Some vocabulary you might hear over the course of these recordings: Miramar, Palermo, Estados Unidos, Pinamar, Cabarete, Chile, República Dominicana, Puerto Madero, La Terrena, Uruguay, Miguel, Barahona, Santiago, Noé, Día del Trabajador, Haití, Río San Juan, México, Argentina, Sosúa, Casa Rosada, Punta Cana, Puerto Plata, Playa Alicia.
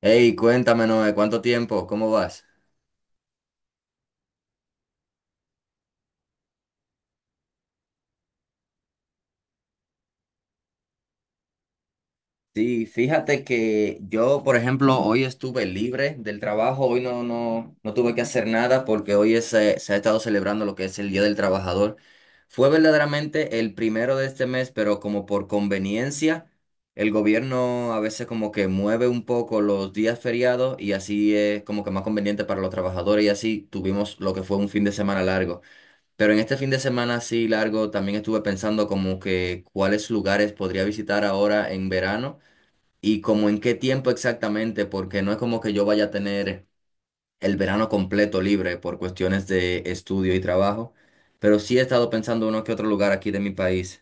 Hey, cuéntame, Noé, ¿cuánto tiempo? ¿Cómo vas? Sí, fíjate que yo, por ejemplo, hoy estuve libre del trabajo, hoy no tuve que hacer nada porque hoy es, se ha estado celebrando lo que es el Día del Trabajador. Fue verdaderamente el 1 de este mes, pero como por conveniencia, el gobierno a veces como que mueve un poco los días feriados y así es como que más conveniente para los trabajadores y así tuvimos lo que fue un fin de semana largo. Pero en este fin de semana así largo también estuve pensando como que cuáles lugares podría visitar ahora en verano y como en qué tiempo exactamente, porque no es como que yo vaya a tener el verano completo libre por cuestiones de estudio y trabajo, pero sí he estado pensando uno que otro lugar aquí de mi país.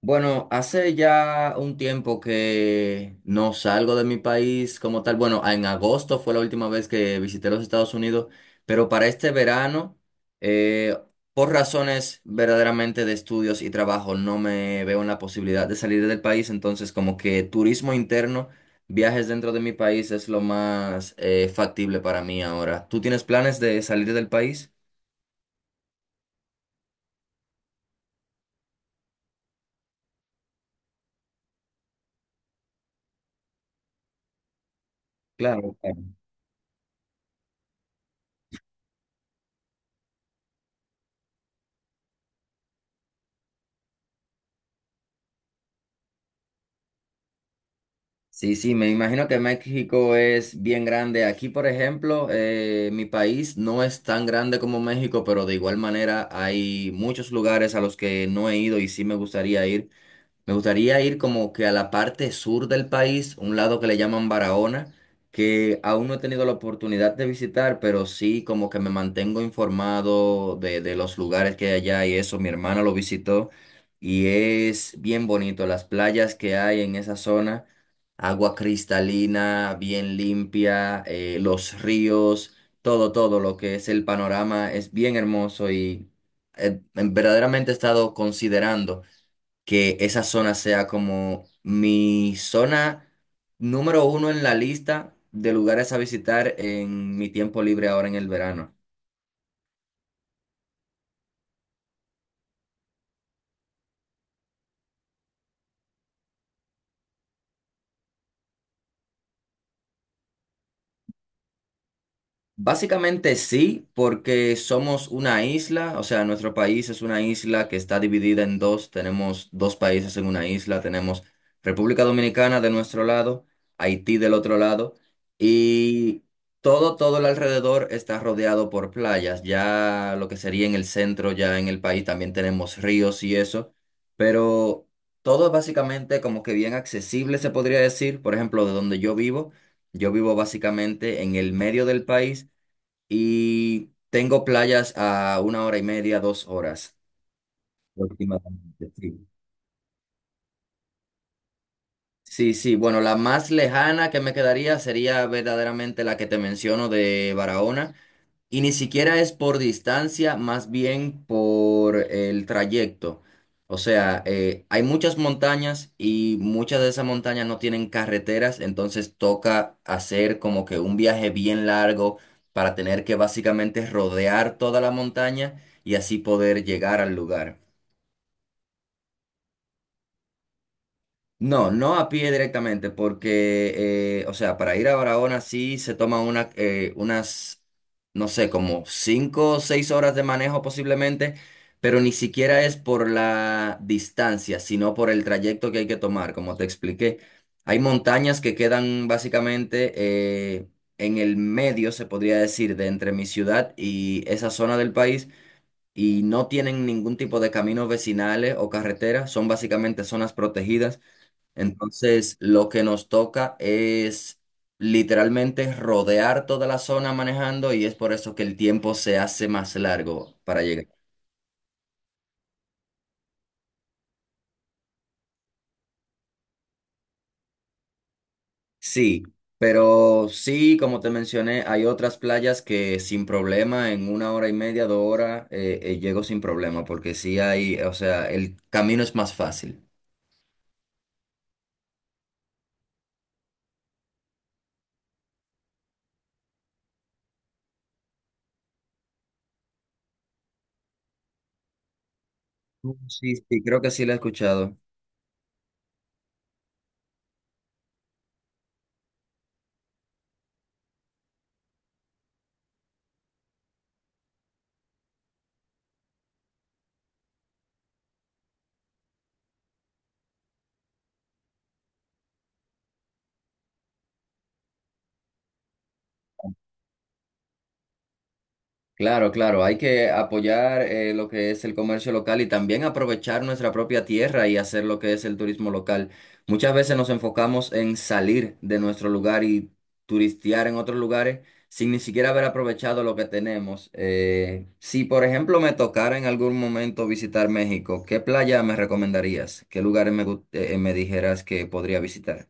Bueno, hace ya un tiempo que no salgo de mi país como tal. Bueno, en agosto fue la última vez que visité los Estados Unidos, pero para este verano, eh, por razones verdaderamente de estudios y trabajo, no me veo en la posibilidad de salir del país. Entonces, como que turismo interno, viajes dentro de mi país es lo más factible para mí ahora. ¿Tú tienes planes de salir del país? Claro. Claro. Sí, sí, me imagino que México es bien grande. Aquí, por ejemplo, mi país no es tan grande como México, pero de igual manera hay muchos lugares a los que no he ido y sí me gustaría ir. Me gustaría ir como que a la parte sur del país, un lado que le llaman Barahona, que aún no he tenido la oportunidad de visitar, pero sí como que me mantengo informado de los lugares que hay allá y eso. Mi hermana lo visitó y es bien bonito. Las playas que hay en esa zona, agua cristalina, bien limpia, los ríos, todo lo que es el panorama es bien hermoso y verdaderamente he estado considerando que esa zona sea como mi zona número uno en la lista de lugares a visitar en mi tiempo libre ahora en el verano. Básicamente sí, porque somos una isla, o sea, nuestro país es una isla que está dividida en dos, tenemos dos países en una isla, tenemos República Dominicana de nuestro lado, Haití del otro lado, y todo el alrededor está rodeado por playas, ya lo que sería en el centro, ya en el país también tenemos ríos y eso, pero todo es básicamente como que bien accesible se podría decir, por ejemplo, de donde yo vivo básicamente en el medio del país y tengo playas a 1 hora y media, 2 horas aproximadamente. Sí. Sí, sí, bueno, la más lejana que me quedaría sería verdaderamente la que te menciono de Barahona, y ni siquiera es por distancia, más bien por el trayecto. O sea, hay muchas montañas y muchas de esas montañas no tienen carreteras, entonces toca hacer como que un viaje bien largo para tener que básicamente rodear toda la montaña y así poder llegar al lugar. No, no a pie directamente, porque, o sea, para ir a Barahona sí se toman unas, no sé, como 5 o 6 horas de manejo posiblemente, pero ni siquiera es por la distancia, sino por el trayecto que hay que tomar, como te expliqué. Hay montañas que quedan básicamente en el medio, se podría decir, de entre mi ciudad y esa zona del país, y no tienen ningún tipo de caminos vecinales o carreteras, son básicamente zonas protegidas. Entonces, lo que nos toca es literalmente rodear toda la zona manejando y es por eso que el tiempo se hace más largo para llegar. Sí, pero sí, como te mencioné, hay otras playas que sin problema, en 1 hora y media, 2 horas, llego sin problema, porque sí hay, o sea, el camino es más fácil. Mm, sí, sí, creo que sí lo he escuchado. Claro, claro, hay que apoyar lo que es el comercio local y también aprovechar nuestra propia tierra y hacer lo que es el turismo local. Muchas veces nos enfocamos en salir de nuestro lugar y turistear en otros lugares sin ni siquiera haber aprovechado lo que tenemos. Si, por ejemplo, me tocara en algún momento visitar México, ¿qué playa me recomendarías? ¿Qué lugares me dijeras que podría visitar?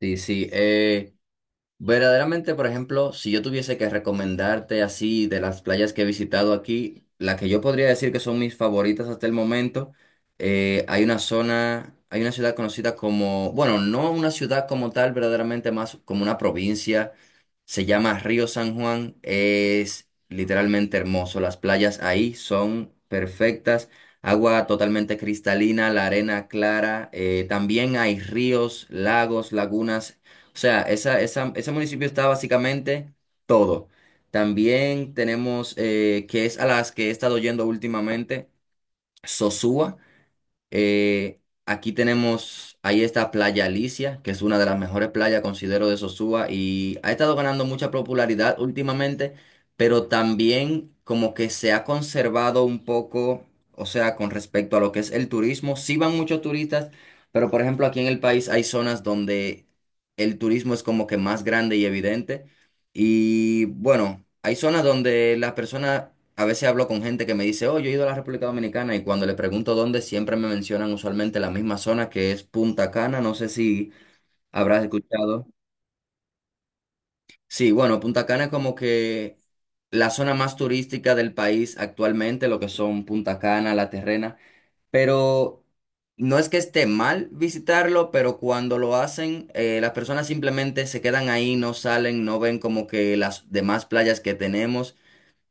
Sí, sí. Verdaderamente, por ejemplo, si yo tuviese que recomendarte así de las playas que he visitado aquí, la que yo podría decir que son mis favoritas hasta el momento, hay una zona, hay una ciudad conocida como, bueno, no una ciudad como tal, verdaderamente más como una provincia, se llama Río San Juan, es literalmente hermoso, las playas ahí son perfectas, agua totalmente cristalina, la arena clara, también hay ríos, lagos, lagunas, o sea, ese municipio está básicamente todo. También tenemos, que es a las que he estado yendo últimamente, Sosúa. Aquí tenemos, ahí está Playa Alicia, que es una de las mejores playas, considero, de Sosúa y ha estado ganando mucha popularidad últimamente, pero también como que se ha conservado un poco, o sea, con respecto a lo que es el turismo. Sí van muchos turistas, pero por ejemplo aquí en el país hay zonas donde el turismo es como que más grande y evidente. Y bueno, hay zonas donde las personas, a veces hablo con gente que me dice, oh, yo he ido a la República Dominicana y cuando le pregunto dónde, siempre me mencionan usualmente la misma zona que es Punta Cana, no sé si habrás escuchado. Sí, bueno, Punta Cana es como que la zona más turística del país actualmente, lo que son Punta Cana, La Terrena, pero no es que esté mal visitarlo, pero cuando lo hacen, las personas simplemente se quedan ahí, no salen, no ven como que las demás playas que tenemos.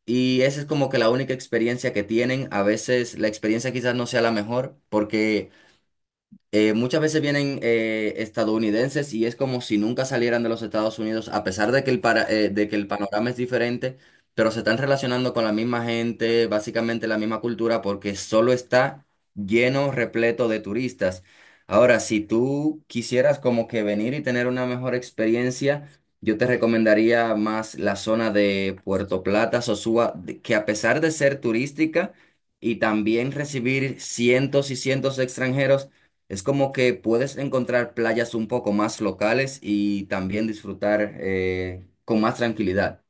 Y esa es como que la única experiencia que tienen. A veces la experiencia quizás no sea la mejor porque muchas veces vienen estadounidenses y es como si nunca salieran de los Estados Unidos, a pesar de que de que el panorama es diferente, pero se están relacionando con la misma gente, básicamente la misma cultura, porque solo está lleno, repleto de turistas. Ahora, si tú quisieras como que venir y tener una mejor experiencia, yo te recomendaría más la zona de Puerto Plata, Sosúa, que a pesar de ser turística y también recibir cientos y cientos de extranjeros, es como que puedes encontrar playas un poco más locales y también disfrutar con más tranquilidad.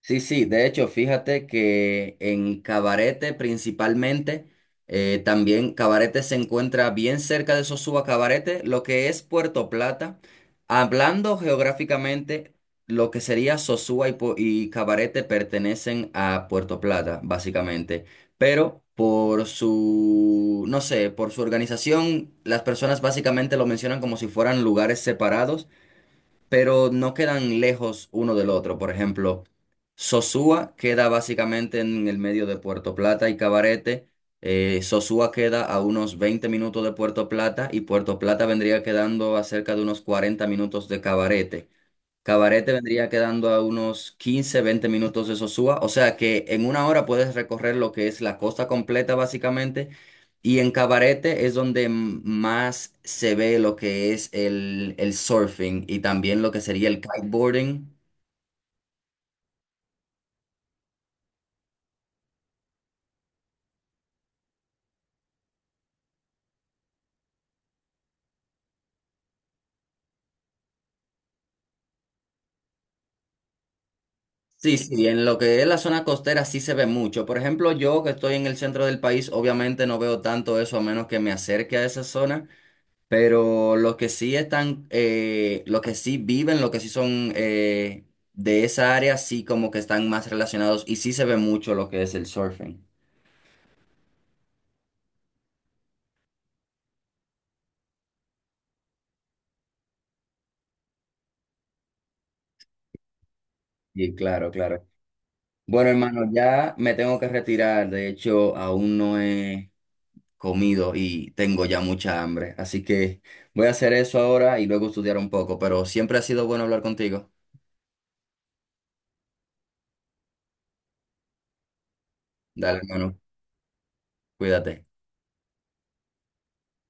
Sí, sí, de hecho, fíjate que en Cabarete principalmente, también Cabarete se encuentra bien cerca de Sosúa Cabarete, lo que es Puerto Plata. Hablando geográficamente, lo que sería Sosúa y Cabarete pertenecen a Puerto Plata, básicamente. Pero por su, no sé, por su organización, las personas básicamente lo mencionan como si fueran lugares separados, pero no quedan lejos uno del otro. Por ejemplo, Sosúa queda básicamente en el medio de Puerto Plata y Cabarete. Sosúa queda a unos 20 minutos de Puerto Plata y Puerto Plata vendría quedando a cerca de unos 40 minutos de Cabarete. Cabaret te vendría quedando a unos 15, 20 minutos de Sosúa, o sea que en 1 hora puedes recorrer lo que es la costa completa básicamente, y en Cabarete es donde más se ve lo que es el surfing y también lo que sería el kiteboarding. Sí, sí, en lo que es la zona costera sí se ve mucho. Por ejemplo, yo que estoy en el centro del país, obviamente no veo tanto eso a menos que me acerque a esa zona. Pero los que sí están, los que sí viven, los que sí son de esa área, sí como que están más relacionados y sí se ve mucho lo que es el surfing. Y claro, claro. Bueno, hermano, ya me tengo que retirar. De hecho, aún no he comido y tengo ya mucha hambre. Así que voy a hacer eso ahora y luego estudiar un poco. Pero siempre ha sido bueno hablar contigo. Dale, hermano, cuídate.